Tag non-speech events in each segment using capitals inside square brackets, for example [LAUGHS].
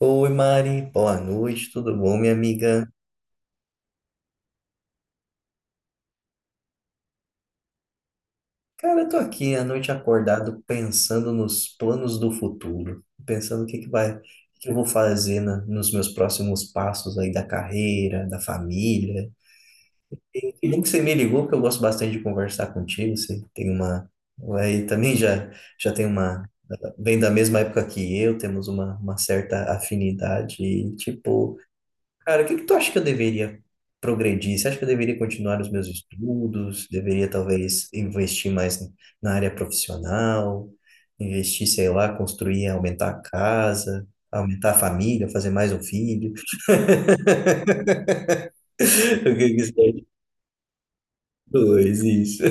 Oi, Mari. Boa noite, tudo bom, minha amiga? Cara, eu tô aqui à noite acordado pensando nos planos do futuro, pensando o que que vai, o que eu vou fazer nos meus próximos passos aí da carreira, da família. E que bom que você me ligou, porque eu gosto bastante de conversar contigo. Você tem uma, aí também já tem uma, vem da mesma época que eu, temos uma certa afinidade e tipo. Cara, o que que tu acha que eu deveria progredir? Você acha que eu deveria continuar os meus estudos? Deveria talvez investir mais na área profissional? Investir, sei lá, construir, aumentar a casa, aumentar a família, fazer mais um filho? [LAUGHS] O que que você acha? Pois, isso.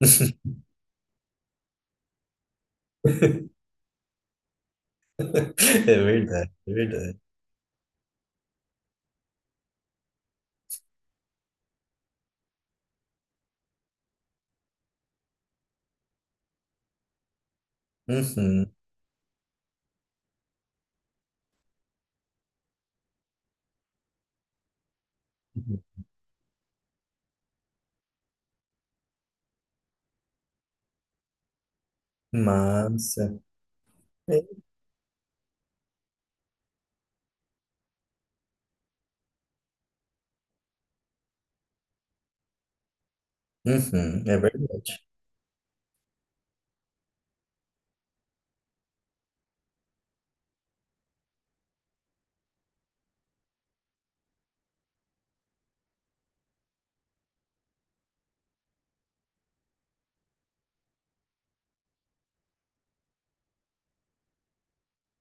[LAUGHS] É verdade, é verdade. Uhum. Uhum. Massa. É. Uhum, é verdade.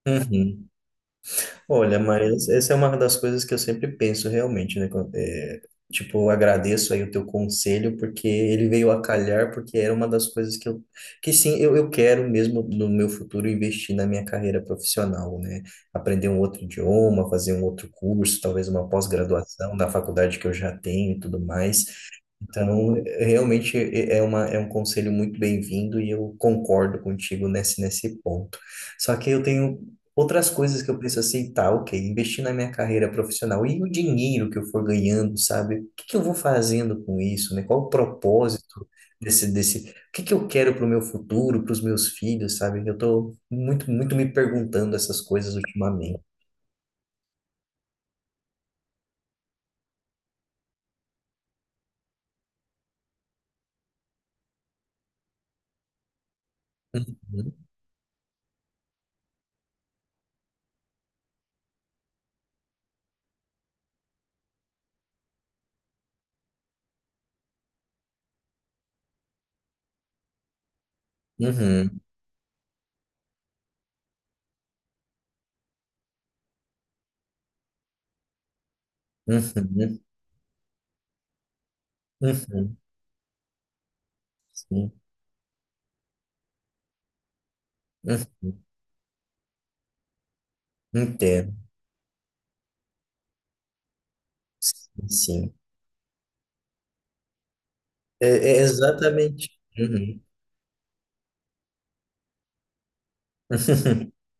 Uhum. Olha, mas essa é uma das coisas que eu sempre penso realmente, né? Tipo, eu agradeço aí o teu conselho, porque ele veio a calhar, porque era uma das coisas que eu quero mesmo no meu futuro investir na minha carreira profissional, né? Aprender um outro idioma, fazer um outro curso, talvez uma pós-graduação da faculdade que eu já tenho e tudo mais. Então, realmente é uma, é um conselho muito bem-vindo e eu concordo contigo nesse ponto. Só que eu tenho outras coisas que eu penso assim, tá, ok, investir na minha carreira profissional e o dinheiro que eu for ganhando, sabe? O que que eu vou fazendo com isso, né? Qual o propósito desse, o que que eu quero para o meu futuro, para os meus filhos, sabe? Eu tô muito me perguntando essas coisas ultimamente. Né? Uhum, uhum, uhum, uhum, sim, uhum. Entendo, sim, sim. É, é exatamente. Uhum. [LAUGHS]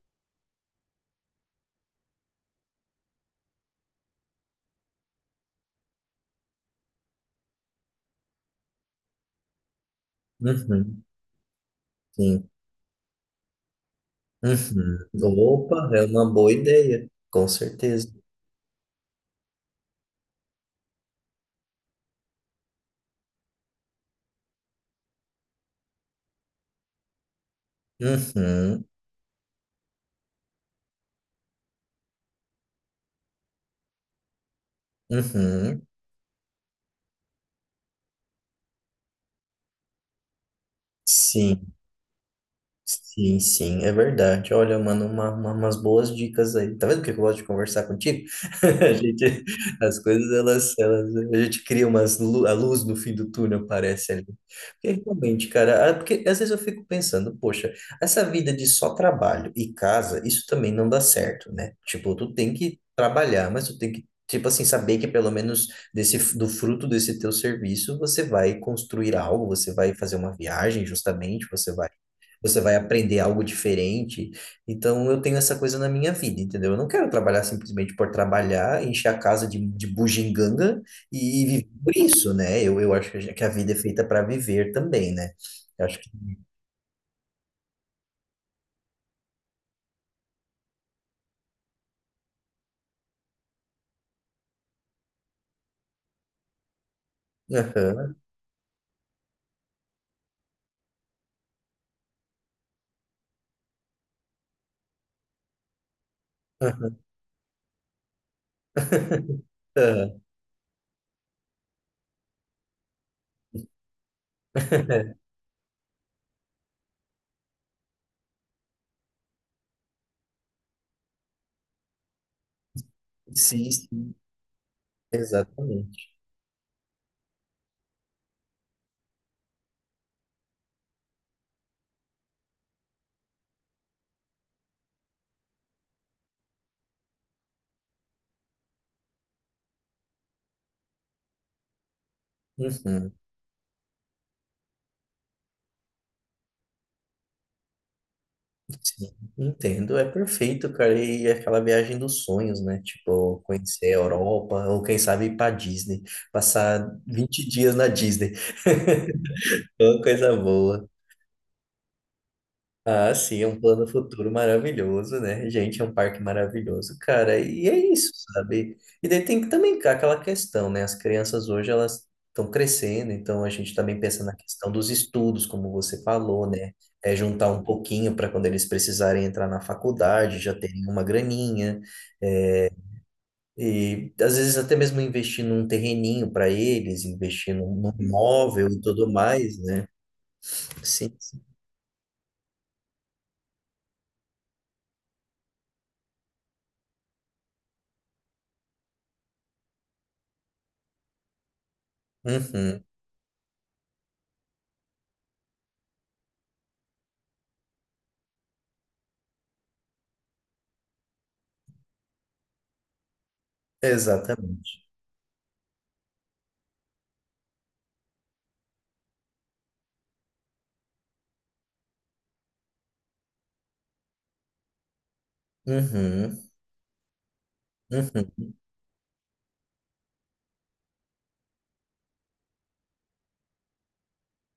Uhum. Sim. Uhum. Opa, é uma boa ideia, com certeza. Uhum. Uhum. Sim. Sim, sim, é verdade. Olha, mano, umas boas dicas aí. Tá vendo que eu gosto de conversar contigo? [LAUGHS] A gente, as coisas, elas, a gente cria a luz no fim do túnel, parece ali. Porque realmente, cara, porque às vezes eu fico pensando, poxa, essa vida de só trabalho e casa, isso também não dá certo, né? Tipo, tu tem que trabalhar, mas tu tem que, tipo assim, saber que pelo menos do fruto desse teu serviço, você vai construir algo, você vai fazer uma viagem, justamente, você vai aprender algo diferente. Então, eu tenho essa coisa na minha vida, entendeu? Eu não quero trabalhar simplesmente por trabalhar, encher a casa de bugiganga e viver por isso, né? Eu acho que a vida é feita para viver também, né? Eu acho que. Aham, aham, aham. [LAUGHS] Sim, sim, exatamente. Uhum, sim, entendo, é perfeito, cara. E é aquela viagem dos sonhos, né? Tipo, conhecer a Europa, ou quem sabe ir pra Disney, passar 20 dias na Disney. [LAUGHS] Ô, coisa boa. Ah, sim, é um plano futuro maravilhoso, né? Gente, é um parque maravilhoso, cara. E é isso, sabe? E daí tem que também cá aquela questão, né? As crianças hoje, elas estão crescendo, então a gente também pensa na questão dos estudos, como você falou, né? É juntar um pouquinho para quando eles precisarem entrar na faculdade, já terem uma graninha. É. E às vezes até mesmo investir num terreninho para eles, investir num imóvel e tudo mais, né? Sim. Sim. Uhum. Exatamente. Uhum, uhum.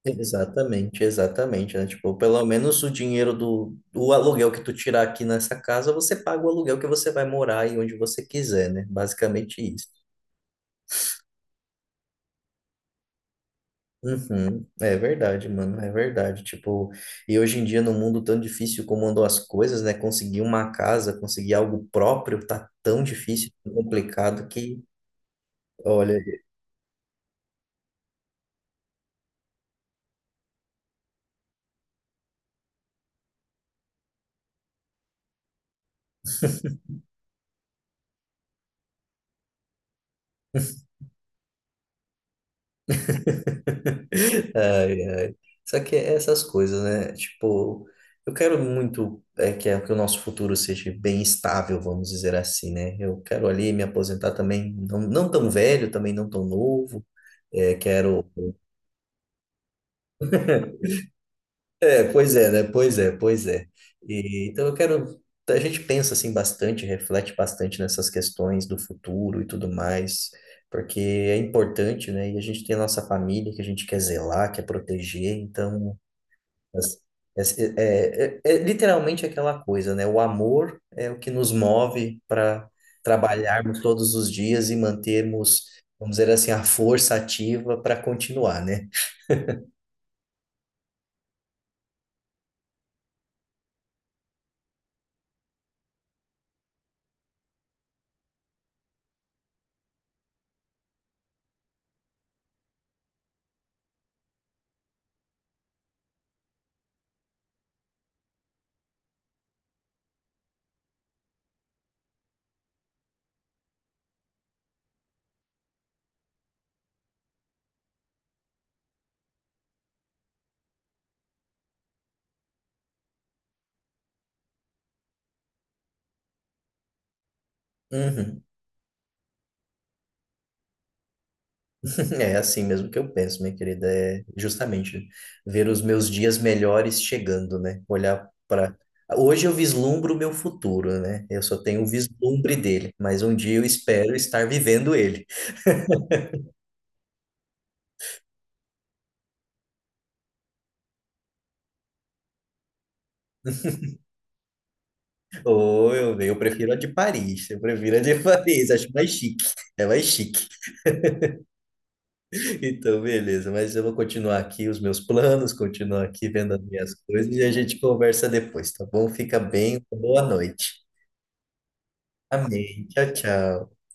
Exatamente, exatamente, né? Tipo, pelo menos o dinheiro do aluguel que tu tirar aqui nessa casa, você paga o aluguel que você vai morar e onde você quiser, né? Basicamente isso. Uhum, é verdade, mano, é verdade. Tipo, e hoje em dia, num mundo tão difícil como andam as coisas, né? Conseguir uma casa, conseguir algo próprio, tá tão difícil, tão complicado que, olha. [LAUGHS] Ai, ai. Só que é essas coisas, né? Tipo, eu quero muito que o nosso futuro seja bem estável, vamos dizer assim, né? Eu quero ali me aposentar também, não, não tão velho, também não tão novo. É, quero. É, pois é, né? Pois é, pois é. E então eu quero. A gente pensa assim bastante, reflete bastante nessas questões do futuro e tudo mais, porque é importante, né? E a gente tem a nossa família que a gente quer zelar, quer proteger, então. Mas é, é literalmente aquela coisa, né? O amor é o que nos move para trabalharmos todos os dias e mantermos, vamos dizer assim, a força ativa para continuar, né? Uhum. [LAUGHS] É assim mesmo que eu penso, minha querida. É justamente ver os meus dias melhores chegando, né? Olhar para. Hoje eu vislumbro o meu futuro, né? Eu só tenho o vislumbre dele, mas um dia eu espero estar vivendo ele. Eu prefiro a de Paris. Eu prefiro a de [LAUGHS] Paris, acho mais chique. É mais chique. Então, beleza. Mas eu vou continuar aqui os meus planos, continuar aqui vendo as minhas coisas e a gente conversa depois, tá bom? Fica bem. Boa noite. Amém. Tchau, tchau.